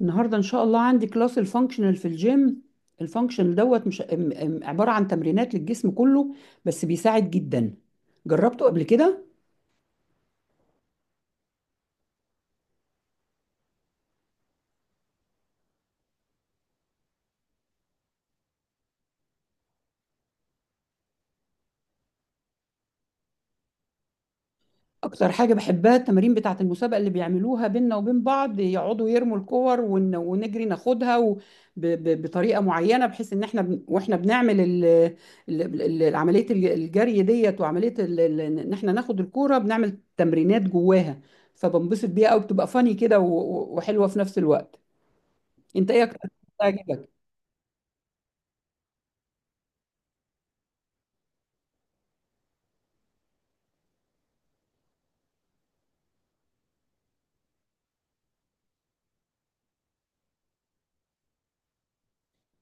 النهارده ان شاء الله عندي كلاس الفانكشنال في الجيم. الفانكشنال دوت مش عباره عن تمرينات للجسم كله. بس بيساعد جدا. جربته قبل كده. اكتر حاجه بحبها التمارين بتاعه المسابقه اللي بيعملوها بينا وبين بعض، يقعدوا يرموا الكور ونجري ناخدها ب- بطريقه معينه بحيث ان احنا واحنا بنعمل عمليه الجري ديت وعمليه ان احنا ناخد الكوره بنعمل تمرينات جواها. فبنبسط بيها قوي، بتبقى فاني كده وحلوه في نفس الوقت. انت ايه اكتر حاجة بتعجبك؟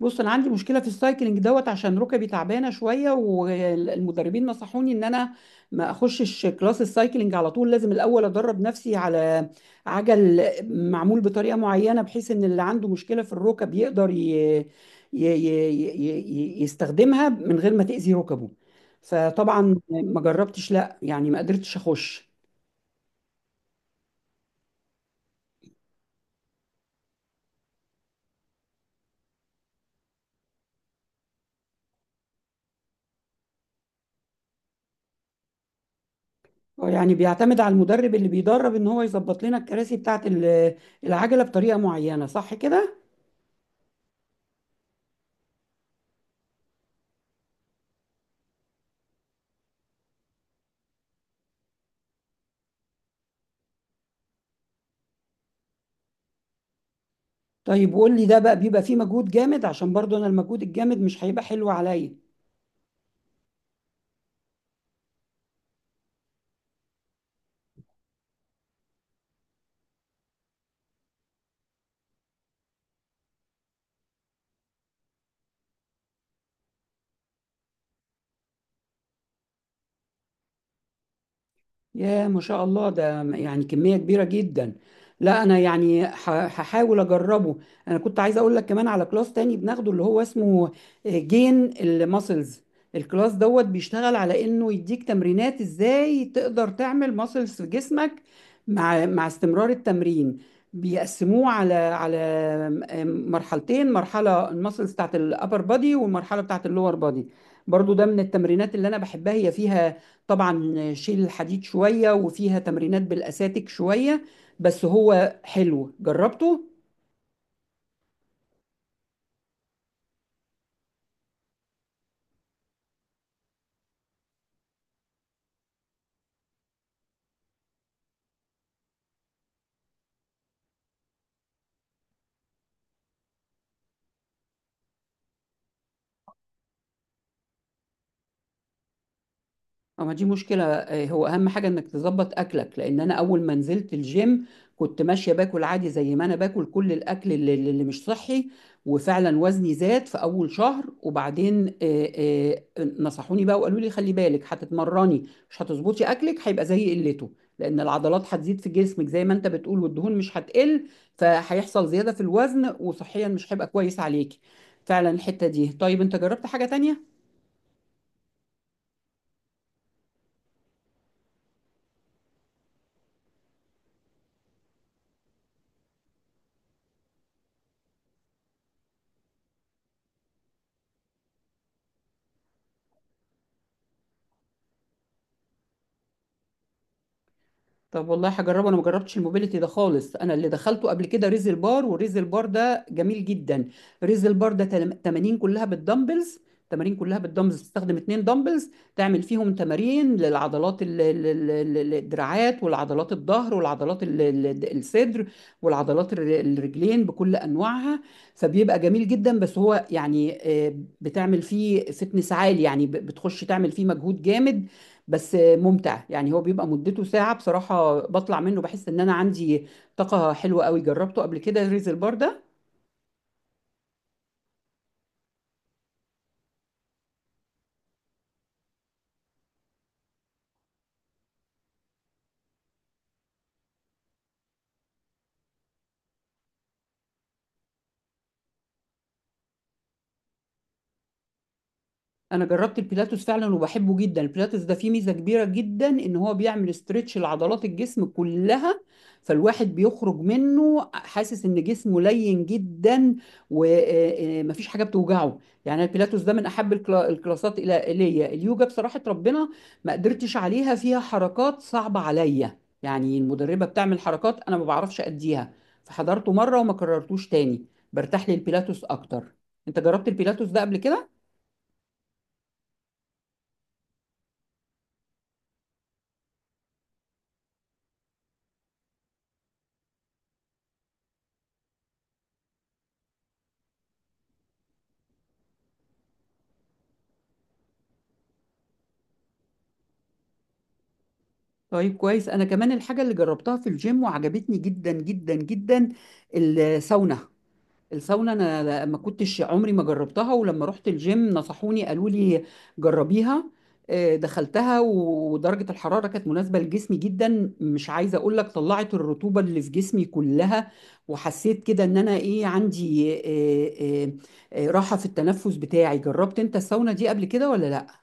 بص انا عندي مشكله في السايكلينج دوت عشان ركبي تعبانه شويه، والمدربين نصحوني ان انا ما اخشش كلاس السايكلينج على طول، لازم الاول ادرب نفسي على عجل معمول بطريقه معينه بحيث ان اللي عنده مشكله في الركب يقدر يستخدمها من غير ما تاذي ركبه. فطبعا ما جربتش، لا يعني ما قدرتش اخش. يعني بيعتمد على المدرب اللي بيدرب ان هو يظبط لنا الكراسي بتاعه العجله بطريقه معينه، صح كده؟ طيب وقول لي ده بقى بيبقى فيه مجهود جامد؟ عشان برضو انا المجهود الجامد مش هيبقى حلو عليا. يا ما شاء الله، ده يعني كمية كبيرة جدا. لا أنا يعني هحاول أجربه. أنا كنت عايز أقول لك كمان على كلاس تاني بناخده اللي هو اسمه جين الماسلز. الكلاس دوت بيشتغل على إنه يديك تمرينات إزاي تقدر تعمل ماسلز في جسمك مع استمرار التمرين. بيقسموه على مرحلتين: مرحلة الماسلز بتاعت الأبر بادي والمرحلة بتاعت اللور بادي. برضو ده من التمرينات اللي أنا بحبها، هي فيها طبعا شيل الحديد شوية وفيها تمرينات بالأساتك شوية. بس هو حلو، جربته. اه ما دي مشكلة. هو أهم حاجة إنك تظبط أكلك، لأن أنا أول ما نزلت الجيم كنت ماشية باكل عادي زي ما أنا باكل كل الأكل اللي مش صحي، وفعلا وزني زاد في أول شهر. وبعدين نصحوني بقى وقالوا لي خلي بالك، هتتمرني مش هتظبطي أكلك، هيبقى زي قلته لأن العضلات هتزيد في جسمك زي ما أنت بتقول والدهون مش هتقل، فهيحصل زيادة في الوزن وصحيا مش هيبقى كويس عليكي. فعلا الحتة دي. طيب أنت جربت حاجة تانية؟ طب والله هجربه، انا ما جربتش الموبيليتي ده خالص. انا اللي دخلته قبل كده ريزل بار، وريزل بار ده جميل جدا. ريزل بار ده تمارين كلها بالدمبلز. تمارين كلها بالدمبلز، تستخدم اتنين دمبلز تعمل فيهم تمارين للعضلات الدراعات والعضلات الظهر والعضلات الصدر والعضلات الرجلين بكل انواعها. فبيبقى جميل جدا. بس هو يعني بتعمل فيه فتنس عالي، يعني بتخش تعمل فيه مجهود جامد بس ممتع. يعني هو بيبقى مدته ساعة، بصراحة بطلع منه بحس ان انا عندي طاقة حلوة قوي. جربته قبل كده ريز البار ده؟ انا جربت البيلاتوس فعلا وبحبه جدا. البيلاتوس ده فيه ميزه كبيره جدا ان هو بيعمل استرتش لعضلات الجسم كلها، فالواحد بيخرج منه حاسس ان جسمه لين جدا ومفيش حاجه بتوجعه. يعني البيلاتوس ده من احب الكلاسات الى الي. اليوجا بصراحه ربنا ما قدرتش عليها، فيها حركات صعبه عليا، يعني المدربه بتعمل حركات انا ما بعرفش اديها. فحضرته مره وما كررتوش تاني، برتاح للبيلاتوس اكتر. انت جربت البيلاتوس ده قبل كده؟ طيب كويس. انا كمان الحاجه اللي جربتها في الجيم وعجبتني جدا جدا جدا الساونا. الساونا انا ما كنتش عمري ما جربتها، ولما رحت الجيم نصحوني قالوا لي جربيها. دخلتها ودرجه الحراره كانت مناسبه لجسمي جدا، مش عايزه اقول لك طلعت الرطوبه اللي في جسمي كلها، وحسيت كده ان انا ايه عندي راحه في التنفس بتاعي. جربت انت الساونا دي قبل كده ولا لا؟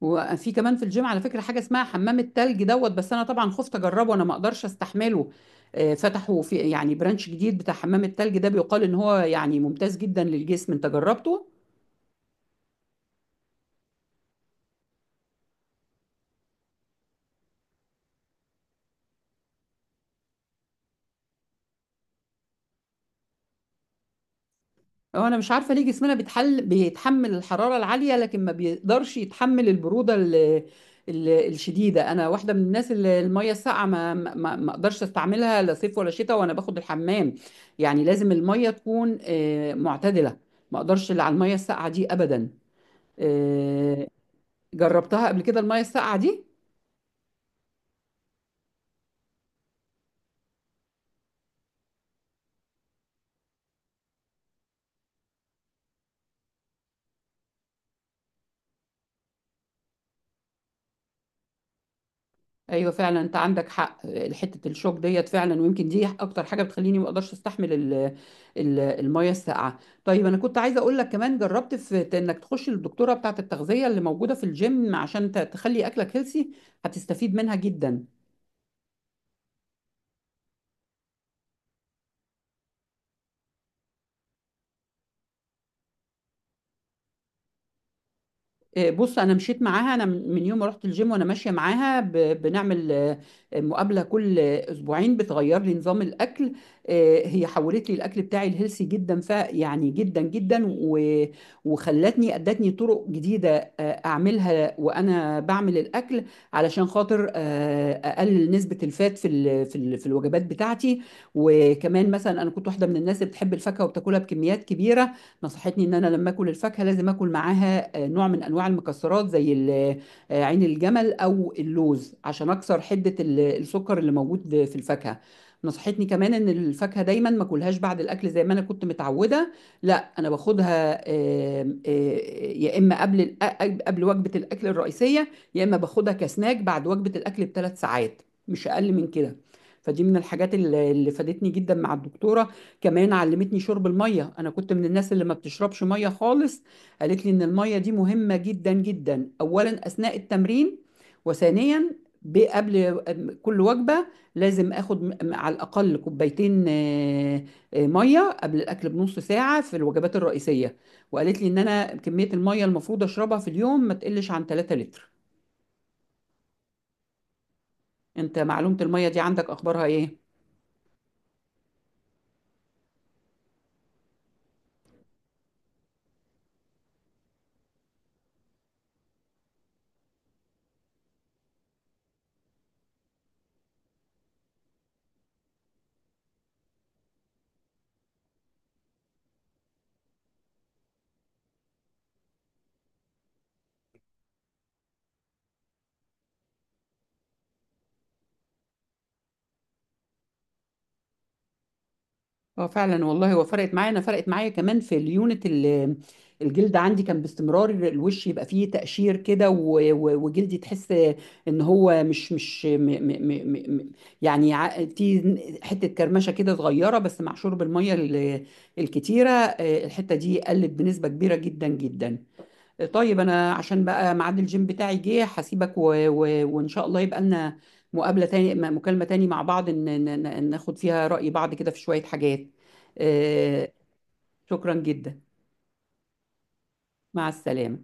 وفي كمان في الجيم على فكرة حاجة اسمها حمام التلج دوت، بس أنا طبعا خفت أجربه، أنا ما أقدرش أستحمله. فتحوا في يعني برانش جديد بتاع حمام التلج ده، بيقال إن هو يعني ممتاز جدا للجسم. أنت جربته؟ هو أنا مش عارفة ليه جسمنا بيتحل بيتحمل الحرارة العالية لكن ما بيقدرش يتحمل البرودة الشديدة. أنا واحدة من الناس اللي المية الساقعة ما أقدرش أستعملها لا صيف ولا شتاء وأنا باخد الحمام. يعني لازم المية تكون معتدلة، ما أقدرش اللي على المية الساقعة دي أبدا. آه، جربتها قبل كده المية الساقعة دي؟ ايوه فعلا، انت عندك حق. حتة الشوك ديت فعلا، ويمكن دي اكتر حاجة بتخليني ما اقدرش استحمل المية الساقعة. طيب انا كنت عايزة اقول لك كمان جربت في انك تخش للدكتورة بتاعة التغذية اللي موجودة في الجيم عشان تخلي اكلك هيلسي، هتستفيد منها جدا. بص انا مشيت معاها، انا من يوم ما رحت الجيم وانا ماشيه معاها، بنعمل مقابله كل اسبوعين بتغير لي نظام الاكل. هي حولت لي الاكل بتاعي الهيلثي جدا، ف يعني جدا جدا وخلتني ادتني طرق جديده اعملها وانا بعمل الاكل علشان خاطر اقلل نسبه الفات في في الوجبات بتاعتي. وكمان مثلا انا كنت واحده من الناس اللي بتحب الفاكهه وبتاكلها بكميات كبيره. نصحتني ان انا لما اكل الفاكهه لازم اكل معاها نوع من انواع المكسرات زي عين الجمل او اللوز عشان اكسر حده السكر اللي موجود في الفاكهه. نصحتني كمان ان الفاكهه دايما ما اكلهاش بعد الاكل زي ما انا كنت متعوده، لا انا باخدها آم، آه، يا اما قبل قبل وجبه الاكل الرئيسيه، يا اما باخدها كسناك بعد وجبه الاكل بثلاث ساعات، مش اقل من كده. فدي من الحاجات اللي فادتني جدا مع الدكتوره. كمان علمتني شرب المية. أنا كنت من الناس اللي ما بتشربش مية خالص. قالت لي إن المية دي مهمة جدا جدا، أولا أثناء التمرين، وثانيا قبل كل وجبة لازم آخد على الأقل كوبايتين مية قبل الأكل بنص ساعة في الوجبات الرئيسية. وقالت لي إن أنا كمية المية المفروض أشربها في اليوم ما تقلش عن 3 لتر. أنت معلومة المية دي عندك أخبارها إيه؟ اه فعلا والله، هو فرقت معايا، انا فرقت معايا كمان في اليونت الجلد عندي. كان باستمرار الوش يبقى فيه تقشير كده، وجلدي تحس ان هو مش م م م- يعني في حته كرمشه كده صغيره، بس مع شرب الميه الكتيره، الحته دي قلت بنسبه كبيره جدا جدا. طيب انا عشان بقى ميعاد الجيم بتاعي جه هسيبك، وان شاء الله يبقى لنا مكالمة تاني مع بعض ناخد فيها رأي بعض كده في شوية حاجات. آه، شكرا جدا. مع السلامة.